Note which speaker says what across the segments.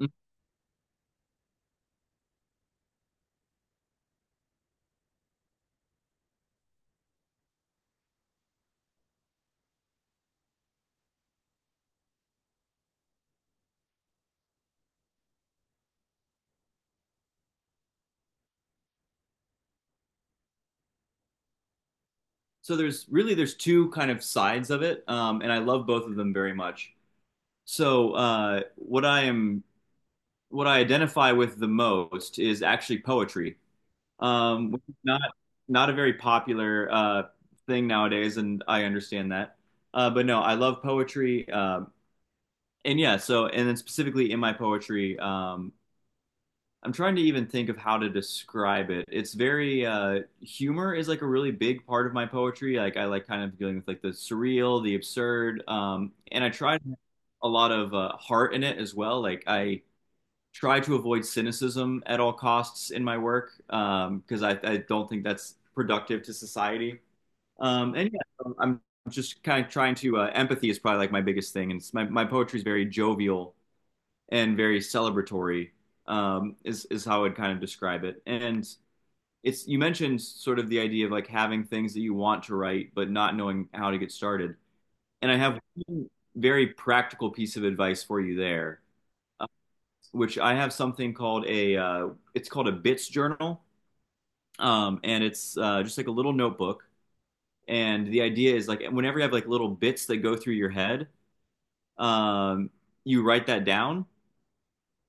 Speaker 1: Mm-hmm. There's two kind of sides of it, and I love both of them very much. So what I identify with the most is actually poetry, which is not a very popular thing nowadays, and I understand that. But no, I love poetry, and yeah. So and then specifically in my poetry, I'm trying to even think of how to describe it. It's very humor is like a really big part of my poetry. Like I like kind of dealing with like the surreal, the absurd, and I try to have a lot of heart in it as well. Like I try to avoid cynicism at all costs in my work because I don't think that's productive to society. And yeah, I'm just kind of trying to empathy is probably like my biggest thing, and it's my my poetry is very jovial and very celebratory is how I would kind of describe it. And it's you mentioned sort of the idea of like having things that you want to write but not knowing how to get started. And I have one very practical piece of advice for you there, uh, which I have something called a it's called a bits journal, and it's just like a little notebook. And the idea is like whenever you have like little bits that go through your head, um, you write that down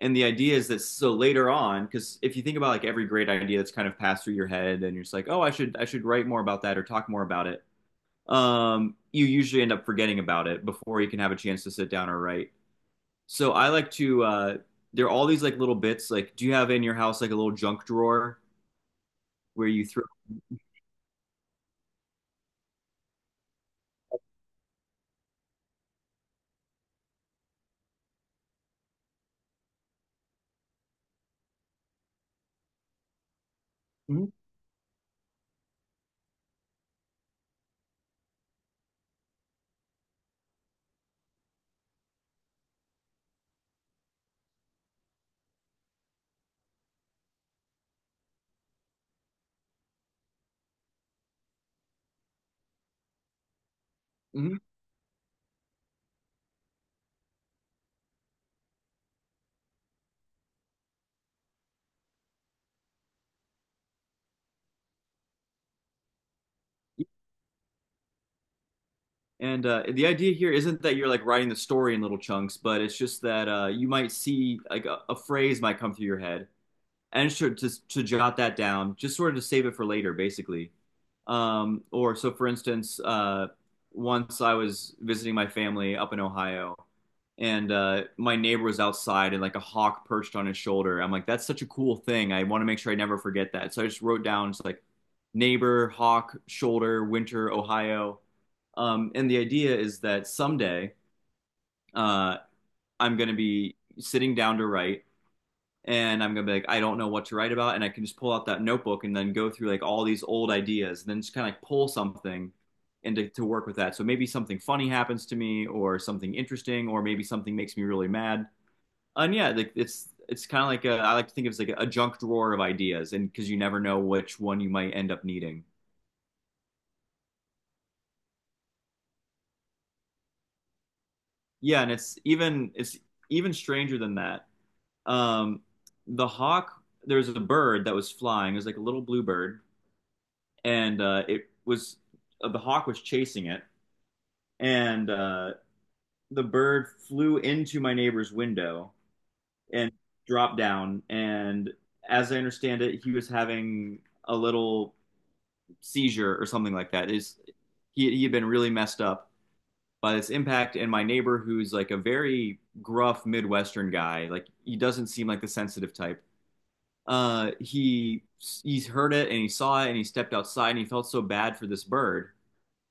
Speaker 1: and the idea is that so later on because if you think about like every great idea that's kind of passed through your head and you're just like oh I should write more about that or talk more about it you usually end up forgetting about it before you can have a chance to sit down or write so I like to uh, there are all these like little bits. Like do you have in your house like a little junk drawer where you throw? Mhm, mhm. And the idea here isn't that you're like writing the story in little chunks, but it's just that you might see like a phrase might come through your head and sure to jot that down, just sort of to save it for later, basically. Or so, for instance, once I was visiting my family up in Ohio, and my neighbor was outside, and like a hawk perched on his shoulder. I'm like, that's such a cool thing. I want to make sure I never forget that. So I just wrote down just like neighbor, hawk, shoulder, winter, Ohio. And the idea is that someday uh, I'm going to be sitting down to write and I'm gonna be like, I don't know what to write about, and I can just pull out that notebook and then go through like all these old ideas, and then just kind of like pull something and to work with that. So maybe something funny happens to me, or something interesting, or maybe something makes me really mad. And yeah, like it's kind of like a, I like to think of it as like a junk drawer of ideas, and because you never know which one you might end up needing. Yeah, and it's even stranger than that. Um, the hawk, there was a bird that was flying. It was like a little blue bird and it was the hawk was chasing it, and the bird flew into my neighbor's window and dropped down. And as I understand it, he was having a little seizure or something like that. Is he had been really messed up by this impact, and my neighbor, who's like a very gruff midwestern guy, like he doesn't seem like the sensitive type. uh he he's heard it and he saw it and he stepped outside and he felt so bad for this bird,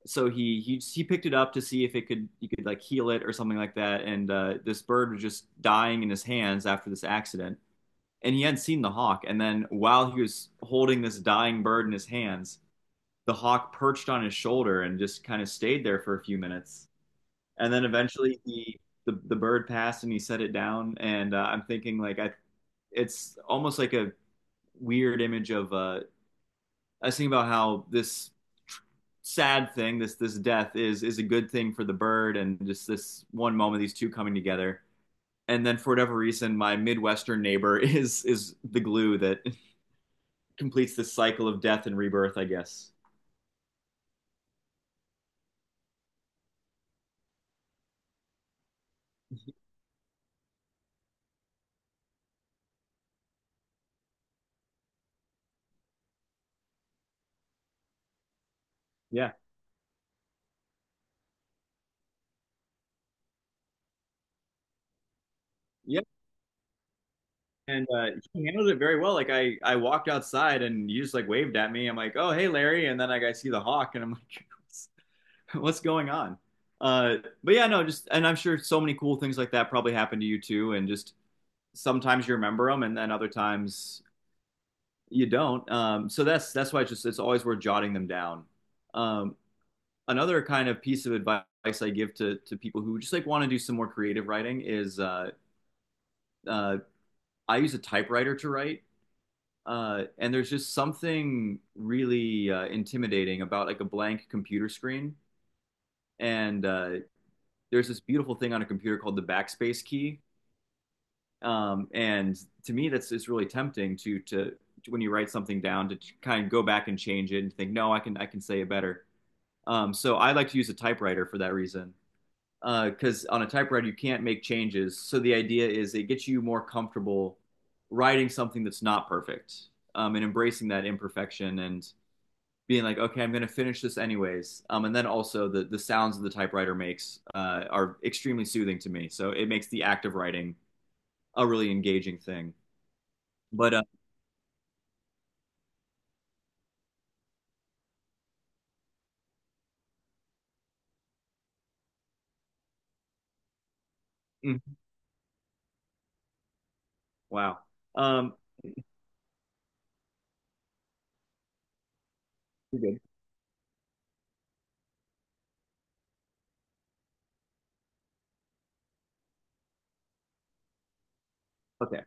Speaker 1: so he picked it up to see if it could, you could like heal it or something like that. And this bird was just dying in his hands after this accident, and he hadn't seen the hawk. And then while he was holding this dying bird in his hands, the hawk perched on his shoulder and just kind of stayed there for a few minutes. And then eventually he the bird passed and he set it down. And I'm thinking like I it's almost like a weird image of I was thinking about how this sad thing, this death, is a good thing for the bird, and just this one moment, these two coming together. And then for whatever reason, my midwestern neighbor is the glue that completes this cycle of death and rebirth, I guess. Yeah. Yeah. And he handled it very well. Like I walked outside and you just like waved at me. I'm like, oh hey Larry, and then like I see the hawk and I'm like, what's, what's going on? Uh, but yeah, no, just and I'm sure so many cool things like that probably happened to you too, and just sometimes you remember them and then other times you don't. So that's why it's always worth jotting them down. Um, another kind of piece of advice I give to people who just like want to do some more creative writing is uh, I use a typewriter to write. And there's just something really intimidating about like a blank computer screen. And there's this beautiful thing on a computer called the backspace key. And to me, that's it's really tempting to when you write something down to kind of go back and change it and think, no, I can say it better. So I like to use a typewriter for that reason because on a typewriter you can't make changes. So the idea is it gets you more comfortable writing something that's not perfect, and embracing that imperfection and being like, okay, I'm going to finish this anyways. And then also the sounds that the typewriter makes are extremely soothing to me. So it makes the act of writing a really engaging thing. But Mhm. Wow. Um, you're good. Okay.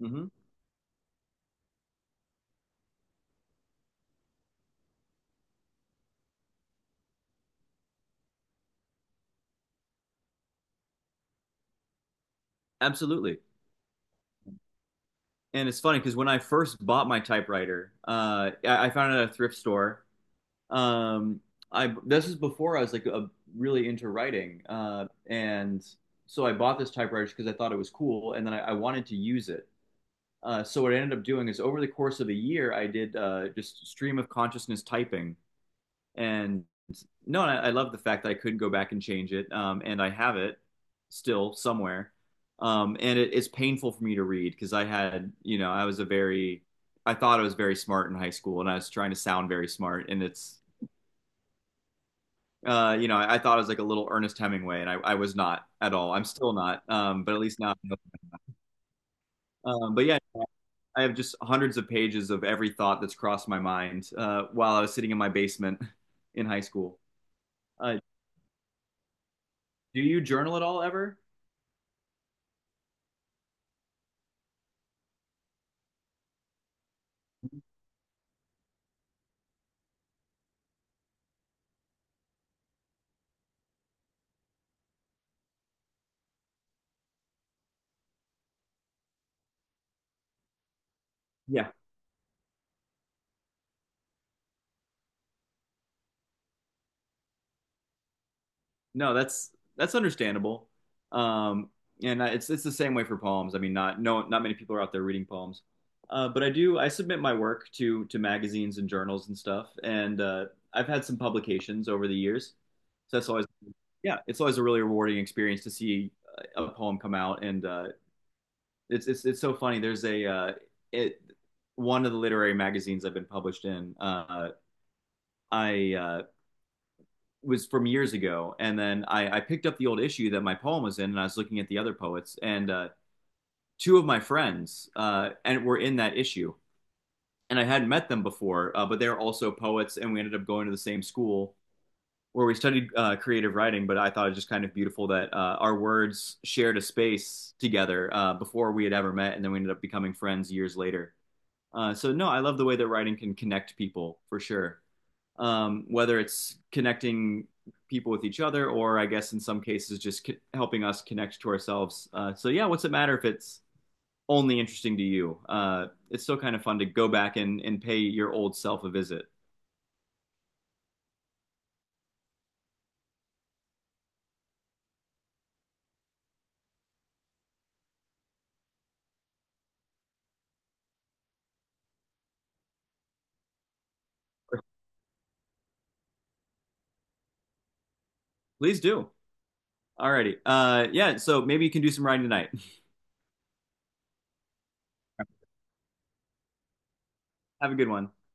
Speaker 1: Hmm. Absolutely. And it's funny because when I first bought my typewriter, I found it at a thrift store. Um, I this is before I was like really into writing, and so I bought this typewriter because I thought it was cool, and then I wanted to use it. So what I ended up doing is over the course of a year, I did just stream of consciousness typing. And no, I love the fact that I could go back and change it, and I have it still somewhere. And it's painful for me to read because I had, you know, I thought I was very smart in high school, and I was trying to sound very smart, and it's, you know, I thought I was like a little Ernest Hemingway, and I was not at all. I'm still not, but at least now. But yeah, I have just hundreds of pages of every thought that's crossed my mind while I was sitting in my basement in high school. Uh, do you journal at all ever? Yeah. No, that's understandable. Um, and it's the same way for poems. I mean, not no, not many people are out there reading poems. But I submit my work to magazines and journals and stuff, and I've had some publications over the years. So that's always, yeah, it's always a really rewarding experience to see a poem come out, and it's so funny. There's a it one of the literary magazines I've been published in. I was from years ago, and then I picked up the old issue that my poem was in, and I was looking at the other poets, and two of my friends and were in that issue, and I hadn't met them before, but they were also poets, and we ended up going to the same school where we studied creative writing. But I thought it was just kind of beautiful that our words shared a space together before we had ever met, and then we ended up becoming friends years later. So no, I love the way that writing can connect people for sure. Whether it's connecting people with each other, or I guess in some cases just helping us connect to ourselves. So yeah, what's it matter if it's only interesting to you? It's still kind of fun to go back and pay your old self a visit. Please do. Alrighty. Yeah. So maybe you can do some writing tonight. Have a good one.